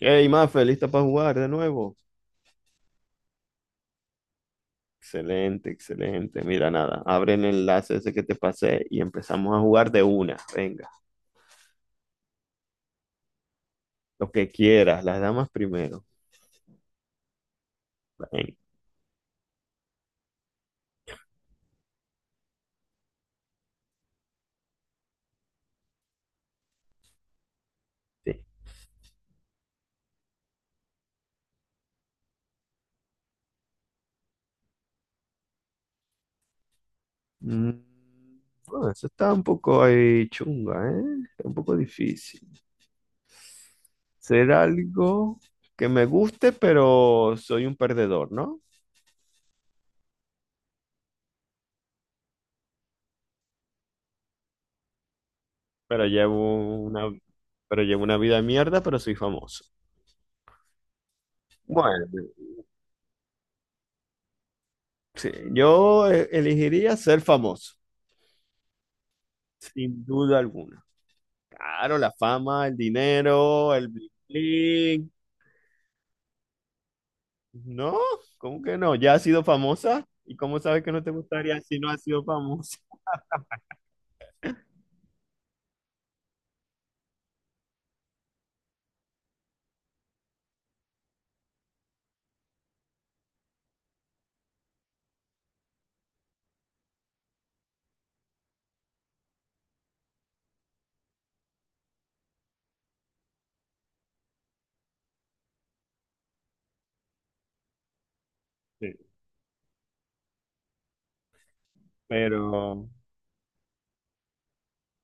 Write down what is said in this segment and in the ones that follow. Hey, Mafe, ¿lista para jugar de nuevo? Excelente, excelente. Mira, nada, abre el enlace ese que te pasé y empezamos a jugar de una. Venga, lo que quieras, las damas primero. Venga, sí. Mm, bueno, eso está un poco ahí chunga, ¿eh? Está un poco difícil. Ser algo que me guste, pero soy un perdedor, ¿no? Pero llevo una, pero llevo una vida de mierda, pero soy famoso. Bueno, sí, yo elegiría ser famoso. Sin duda alguna. Claro, la fama, el dinero, el bling bling. No, ¿cómo que no? ¿Ya has sido famosa? ¿Y cómo sabes que no te gustaría si no has sido famosa? Sí, pero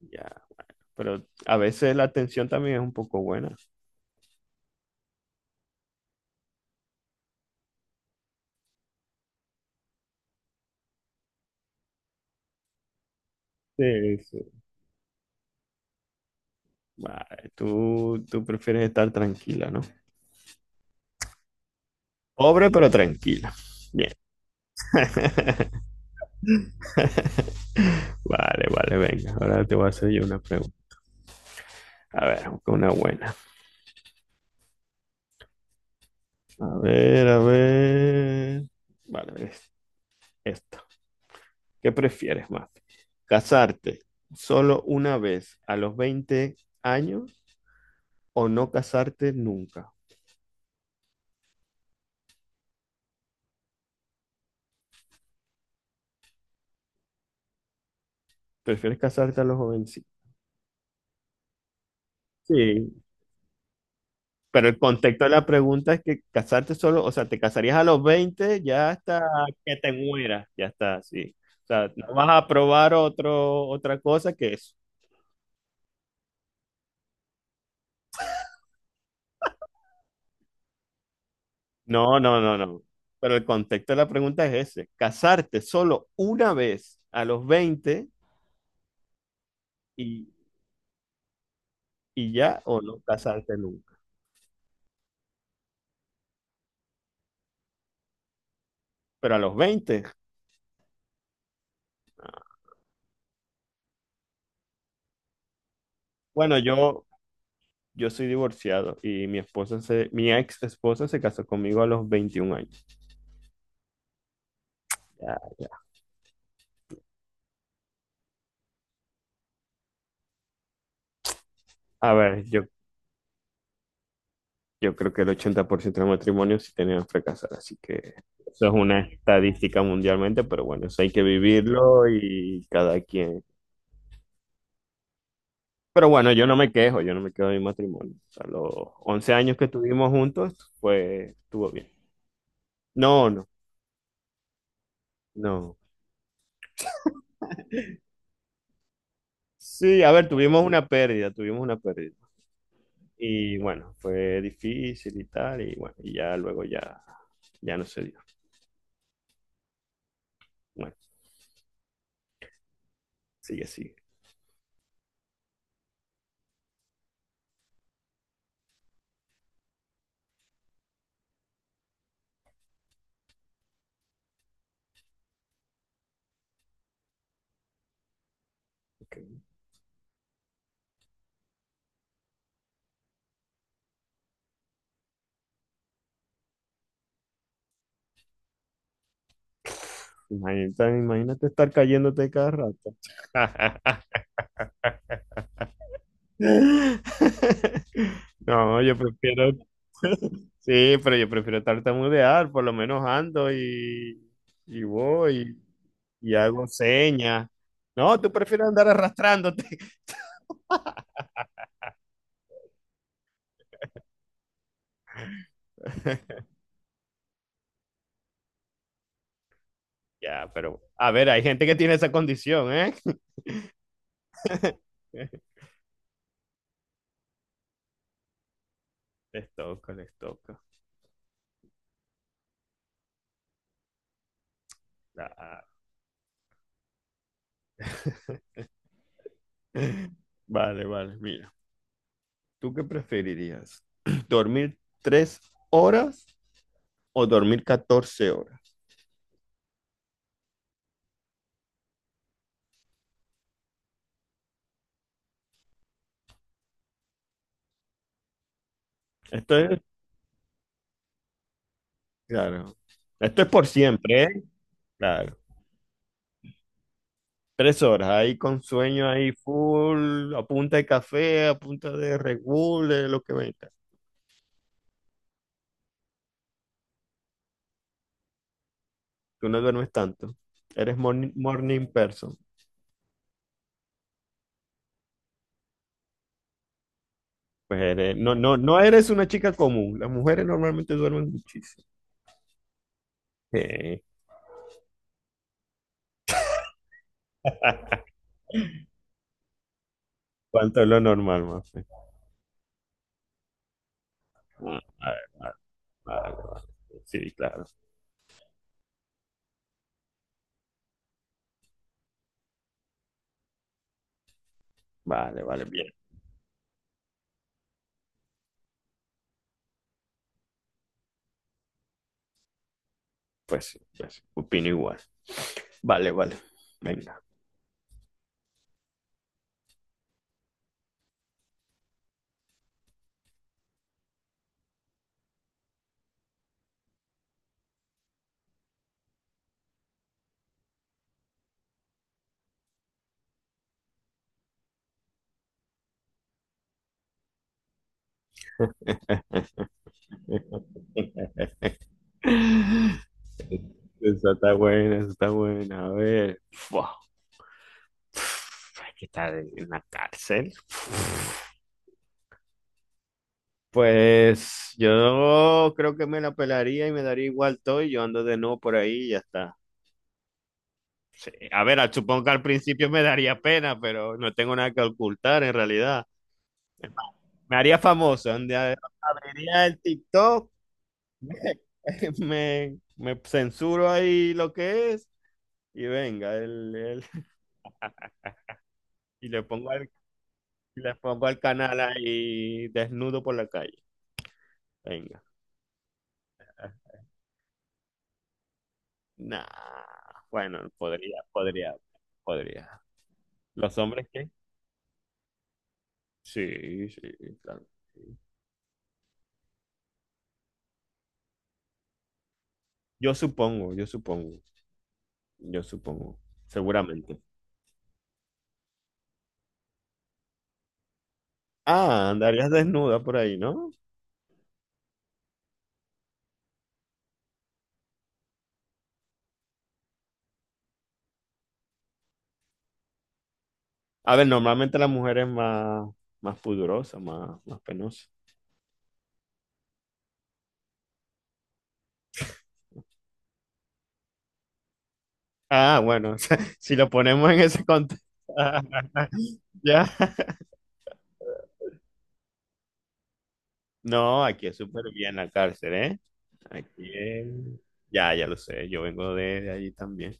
ya, pero a veces la atención también es un poco buena. Sí, sí. Vale, tú prefieres estar tranquila, ¿no? Pobre pero tranquila. Bien, vale, venga. Ahora te voy a hacer yo una pregunta. A ver, busca una buena. A ver. Vale, es esta. ¿Qué prefieres más? ¿Casarte solo una vez a los 20 años o no casarte nunca? ¿Prefieres casarte a los jovencitos? Sí, pero el contexto de la pregunta es que casarte solo, o sea, te casarías a los 20 ya hasta que te mueras, ya está, sí. O sea, no vas a probar otra cosa que eso. No, no, no, no. Pero el contexto de la pregunta es ese, casarte solo una vez a los 20 y, y ya o no casarte nunca. Pero a los 20, bueno, yo soy divorciado y mi ex esposa se casó conmigo a los 21 años. Ya, ya. A ver, yo creo que el 80% de los matrimonios sí tenían fracasar, así que eso es una estadística mundialmente, pero bueno, eso hay que vivirlo y cada quien. Pero bueno, yo no me quejo de mi matrimonio. O sea, los 11 años que estuvimos juntos, pues estuvo bien. No, no, no. Sí, a ver, tuvimos una pérdida. Y bueno, fue difícil y tal, y bueno, ya no se dio. Bueno, sigue, sigue. Ok. Imagínate estar cayéndote cada rato. No, sí, pero yo prefiero tartamudear, por lo menos ando y voy y hago señas. No, tú prefieres andar arrastrándote. Ya, pero a ver, hay gente que tiene esa condición, ¿eh? Les toca, les toca. Ah. Vale, mira. ¿Tú qué preferirías? ¿Dormir 3 horas o dormir 14 horas? Esto es, claro. Esto es por siempre, ¿eh? Claro. Tres horas ahí con sueño ahí full, a punta de café, a punta de Red Bull, de lo que venga. Tú no duermes tanto. Eres morning person. Pues no eres una chica común. Las mujeres normalmente duermen muchísimo. ¿Cuánto es lo normal, Mafe? Ah, vale, vale, vale, vale. Sí, claro. Vale, bien. Pues sí, pues sí. Opino igual. Vale, vale. Venga. Esa está buena, esa está buena. A ver. Fua. Uf, hay que estar en la cárcel. Pues yo creo que me la pelaría y me daría igual todo y yo ando de nuevo por ahí y ya está. A ver, supongo que al principio me daría pena, pero no tengo nada que ocultar en realidad. Me haría famoso. Un día abriría el TikTok, me censuro ahí lo que es y venga, y y le pongo al canal ahí desnudo por la calle. Venga. Nah. Bueno, podría. ¿Los hombres qué? Sí, sí, claro. Yo supongo, yo supongo, yo supongo, seguramente. Ah, andarías desnuda por ahí, ¿no? A ver, normalmente la mujer es más pudorosa, más penosa. Ah, bueno, o sea, si lo ponemos en ese contexto. Ya. No, aquí es súper bien la cárcel, ¿eh? Aquí es... Ya, ya lo sé, yo vengo de allí también.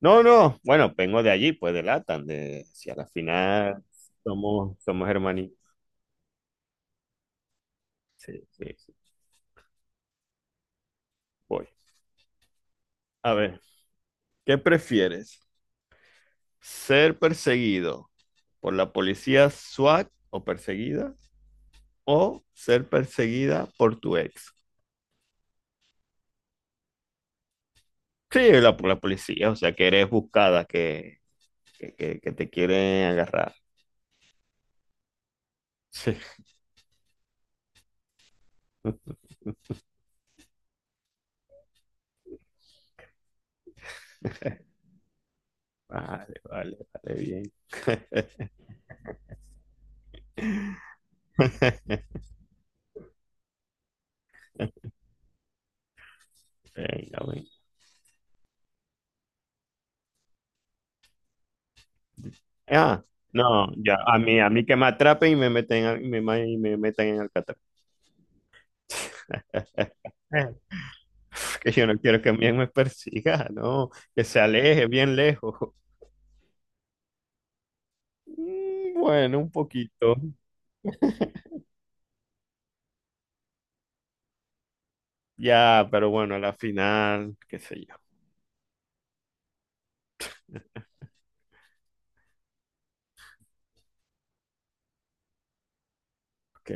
No, no, bueno, vengo de allí, pues de Latam, de si a la final somos hermanitos. Sí, sí, sí. Voy. A ver, ¿qué prefieres? ¿Ser perseguido por la policía SWAT o ser perseguida por tu ex? Sí, la policía, o sea, que eres buscada, que te quieren agarrar. Sí. Vale, bien. Venga, venga. Ah, no, ya, a mí que me atrapen y me meten, al- y me, ma- y me metan en Alcatraz. Eh, que yo no quiero que bien me persiga, no, que se aleje bien lejos. Bueno, un poquito. Ya, pero bueno, a la final, qué sé yo. Ok.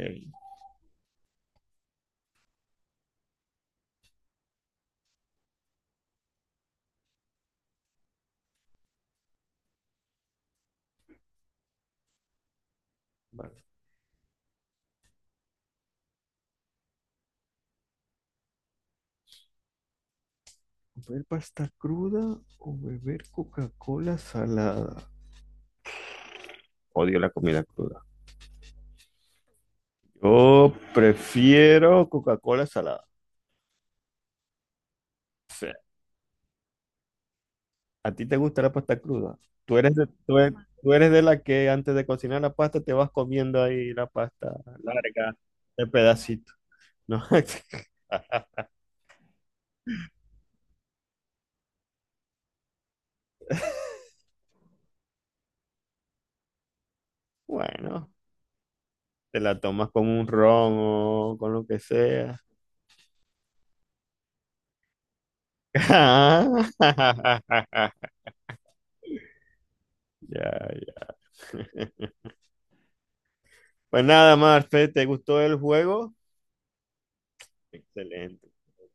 Bueno. ¿Beber pasta cruda o beber Coca-Cola salada? Odio la comida cruda. Yo prefiero Coca-Cola salada. Sí. ¿A ti te gusta la pasta cruda? Tú eres de, tú eres, tú eres de la que antes de cocinar la pasta te vas comiendo ahí la pasta larga, de pedacito. No, bueno, te la tomas con un ron o con lo que sea. Ya, ya. Pues nada, Marfe, ¿te gustó el juego? Excelente.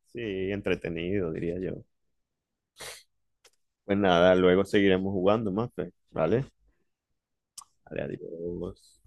Sí, entretenido, diría yo. Pues nada, luego seguiremos jugando más, Fer, ¿vale? Vale, adiós.